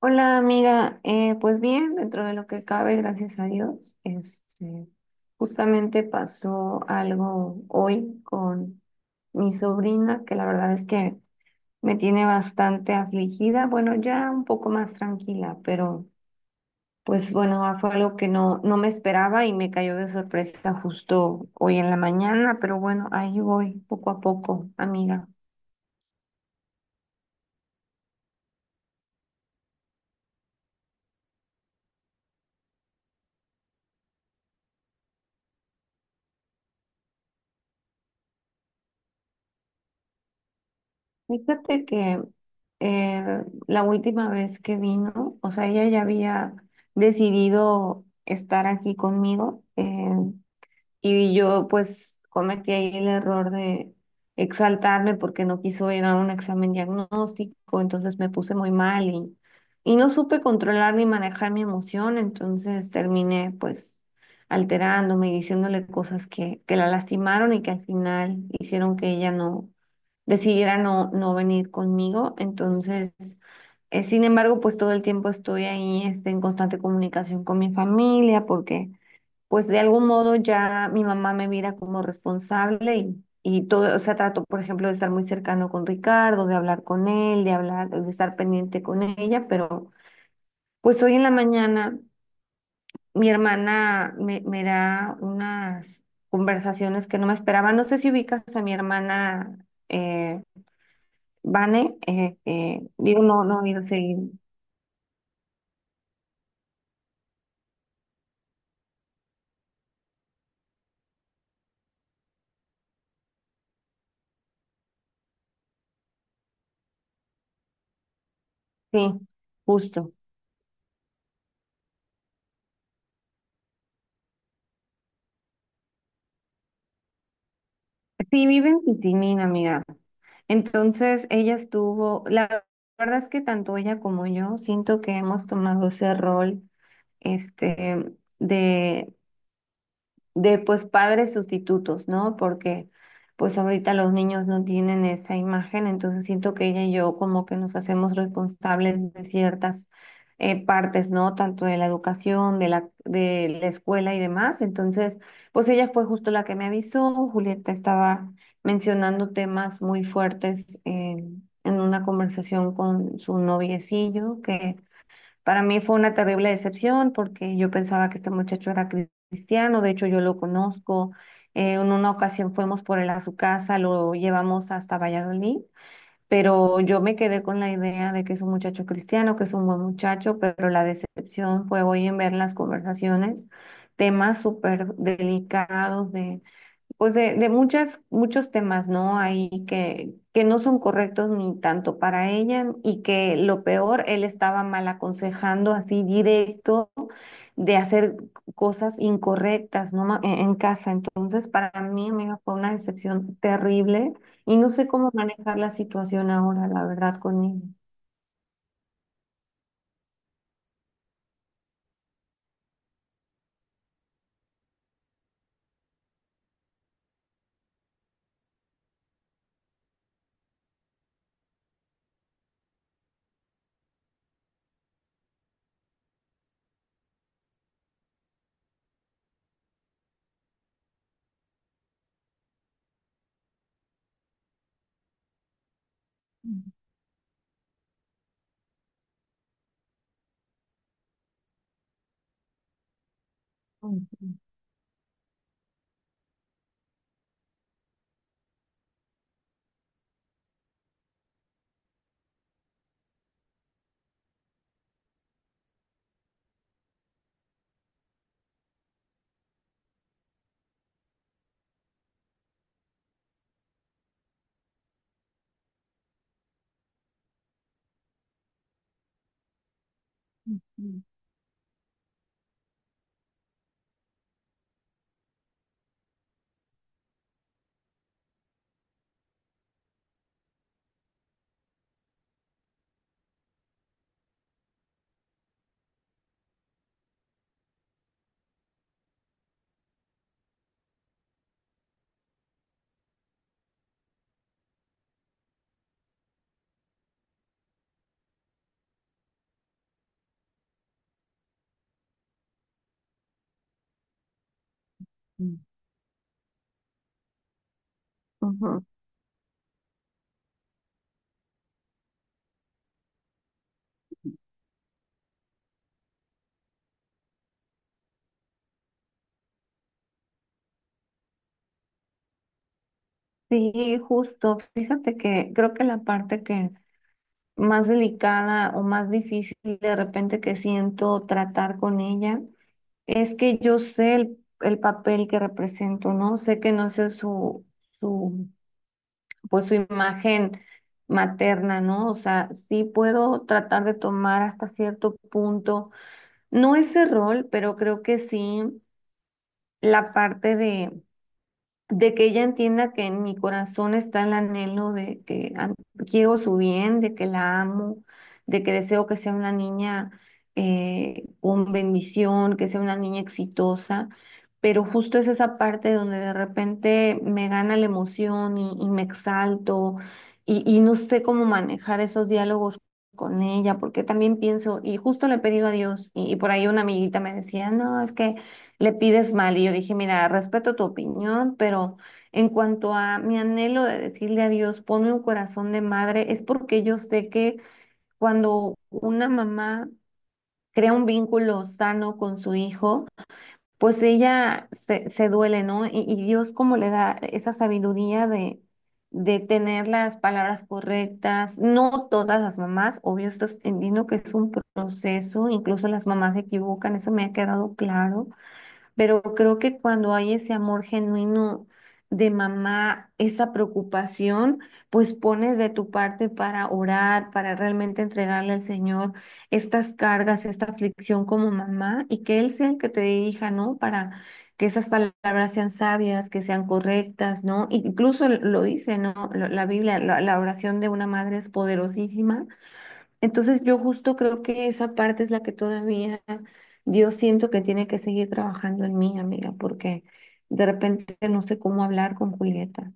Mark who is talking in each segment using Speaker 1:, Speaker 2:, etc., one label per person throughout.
Speaker 1: Hola amiga. Pues bien, dentro de lo que cabe, gracias a Dios, justamente pasó algo hoy con mi sobrina que la verdad es que me tiene bastante afligida, bueno, ya un poco más tranquila, pero pues bueno, fue algo que no me esperaba y me cayó de sorpresa justo hoy en la mañana, pero bueno, ahí voy poco a poco, amiga. Fíjate que eh, la última vez que vino, o sea, ella ya había decidido estar aquí conmigo. Y yo pues cometí ahí el error de exaltarme porque no quiso ir a un examen diagnóstico, entonces me puse muy mal y no supe controlar ni manejar mi emoción, entonces terminé pues alterándome y diciéndole cosas que la lastimaron y que al final hicieron que ella no decidiera no venir conmigo. Entonces, sin embargo, pues todo el tiempo estoy ahí en constante comunicación con mi familia porque pues de algún modo ya mi mamá me mira como responsable y todo, o sea, trato, por ejemplo, de estar muy cercano con Ricardo, de hablar con él, de hablar, de estar pendiente con ella, pero pues hoy en la mañana mi hermana me da unas conversaciones que no me esperaba. No sé si ubicas a mi hermana Vane, digo, no, no, he ido seguir. Sí, justo. Sí, vive en Pitimín, amiga. Entonces, ella estuvo, la verdad es que tanto ella como yo siento que hemos tomado ese rol, este, de pues padres sustitutos, ¿no? Porque pues ahorita los niños no tienen esa imagen, entonces siento que ella y yo como que nos hacemos responsables de ciertas partes, ¿no? Tanto de la educación, de la escuela y demás. Entonces, pues ella fue justo la que me avisó, Julieta estaba mencionando temas muy fuertes en una conversación con su noviecillo que para mí fue una terrible decepción porque yo pensaba que este muchacho era cristiano, de hecho yo lo conozco. En una ocasión fuimos por él a su casa, lo llevamos hasta Valladolid, pero yo me quedé con la idea de que es un muchacho cristiano, que es un buen muchacho, pero la decepción fue hoy en ver las conversaciones, temas súper delicados de pues de muchos temas, ¿no? Ahí que no son correctos ni tanto para ella y que lo peor, él estaba mal aconsejando así directo de hacer cosas incorrectas, ¿no? En casa. Entonces, para mí, amiga, fue una decepción terrible y no sé cómo manejar la situación ahora, la verdad, con él. Ujú. Sí, justo. Fíjate que creo que la parte que más delicada o más difícil de repente que siento tratar con ella, es que yo sé el papel que represento, ¿no? Sé que no sé su, pues su imagen materna, ¿no? O sea, sí puedo tratar de tomar hasta cierto punto, no ese rol, pero creo que sí la parte de que ella entienda que en mi corazón está el anhelo de que quiero su bien, de que la amo, de que deseo que sea una niña con bendición, que sea una niña exitosa, pero justo es esa parte donde de repente me gana la emoción y me exalto y no sé cómo manejar esos diálogos con ella, porque también pienso, y justo le he pedido a Dios, y por ahí una amiguita me decía, no, es que le pides mal. Y yo dije, mira, respeto tu opinión, pero en cuanto a mi anhelo de decirle a Dios, ponme un corazón de madre, es porque yo sé que cuando una mamá crea un vínculo sano con su hijo, pues ella se duele, ¿no? Y Dios como le da esa sabiduría de tener las palabras correctas, no todas las mamás, obvio, entiendo que es un proceso, incluso las mamás se equivocan, eso me ha quedado claro, pero creo que cuando hay ese amor genuino de mamá, esa preocupación, pues pones de tu parte para orar, para realmente entregarle al Señor estas cargas, esta aflicción como mamá y que Él sea el que te dirija, ¿no? Para que esas palabras sean sabias, que sean correctas, ¿no? Incluso lo dice, ¿no? La Biblia, la oración de una madre es poderosísima. Entonces yo justo creo que esa parte es la que todavía yo siento que tiene que seguir trabajando en mí, amiga, porque de repente no sé cómo hablar con Julieta.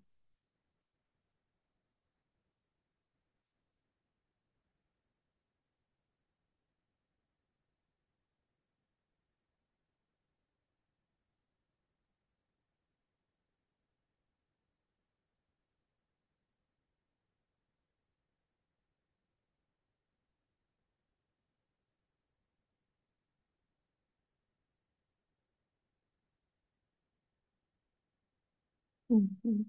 Speaker 1: Ujú,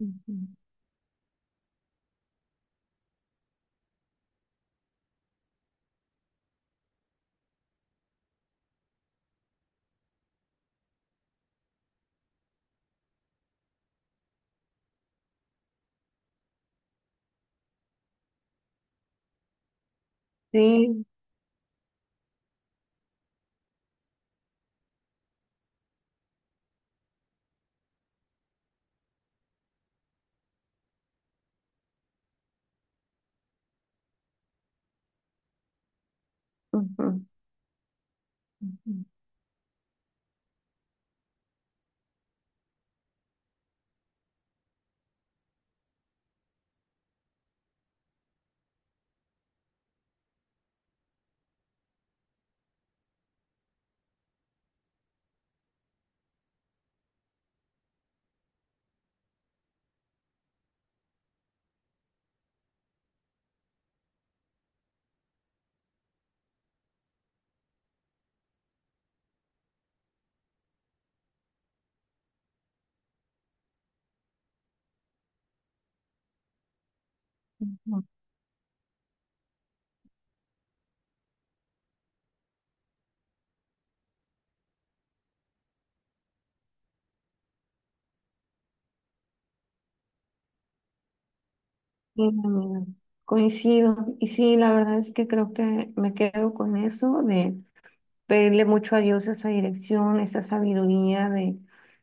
Speaker 1: ujú, sí, ujú, ujú, ujú. Sí, amiga, coincido. Y sí, la verdad es que creo que me quedo con eso, pedirle mucho a Dios esa dirección, esa sabiduría de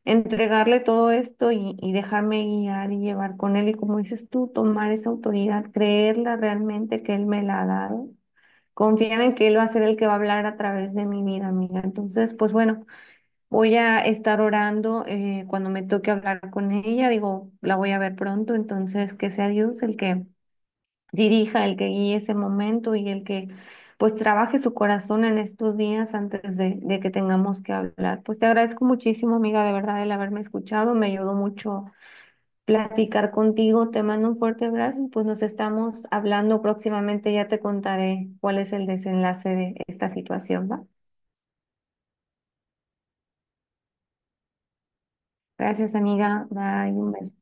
Speaker 1: entregarle todo esto y dejarme guiar y llevar con Él. Y como dices tú, tomar esa autoridad, creerla realmente que Él me la ha dado. Confiar en que Él va a ser el que va a hablar a través de mi vida, amiga. Entonces, pues bueno, voy a estar orando cuando me toque hablar con ella. Digo, la voy a ver pronto, entonces que sea Dios el que dirija, el que guíe ese momento y el que pues trabaje su corazón en estos días antes de que tengamos que hablar. Pues te agradezco muchísimo, amiga, de verdad, el haberme escuchado. Me ayudó mucho platicar contigo. Te mando un fuerte abrazo y pues nos estamos hablando próximamente. Ya te contaré cuál es el desenlace de esta situación, ¿va? Gracias, amiga. Bye, un beso.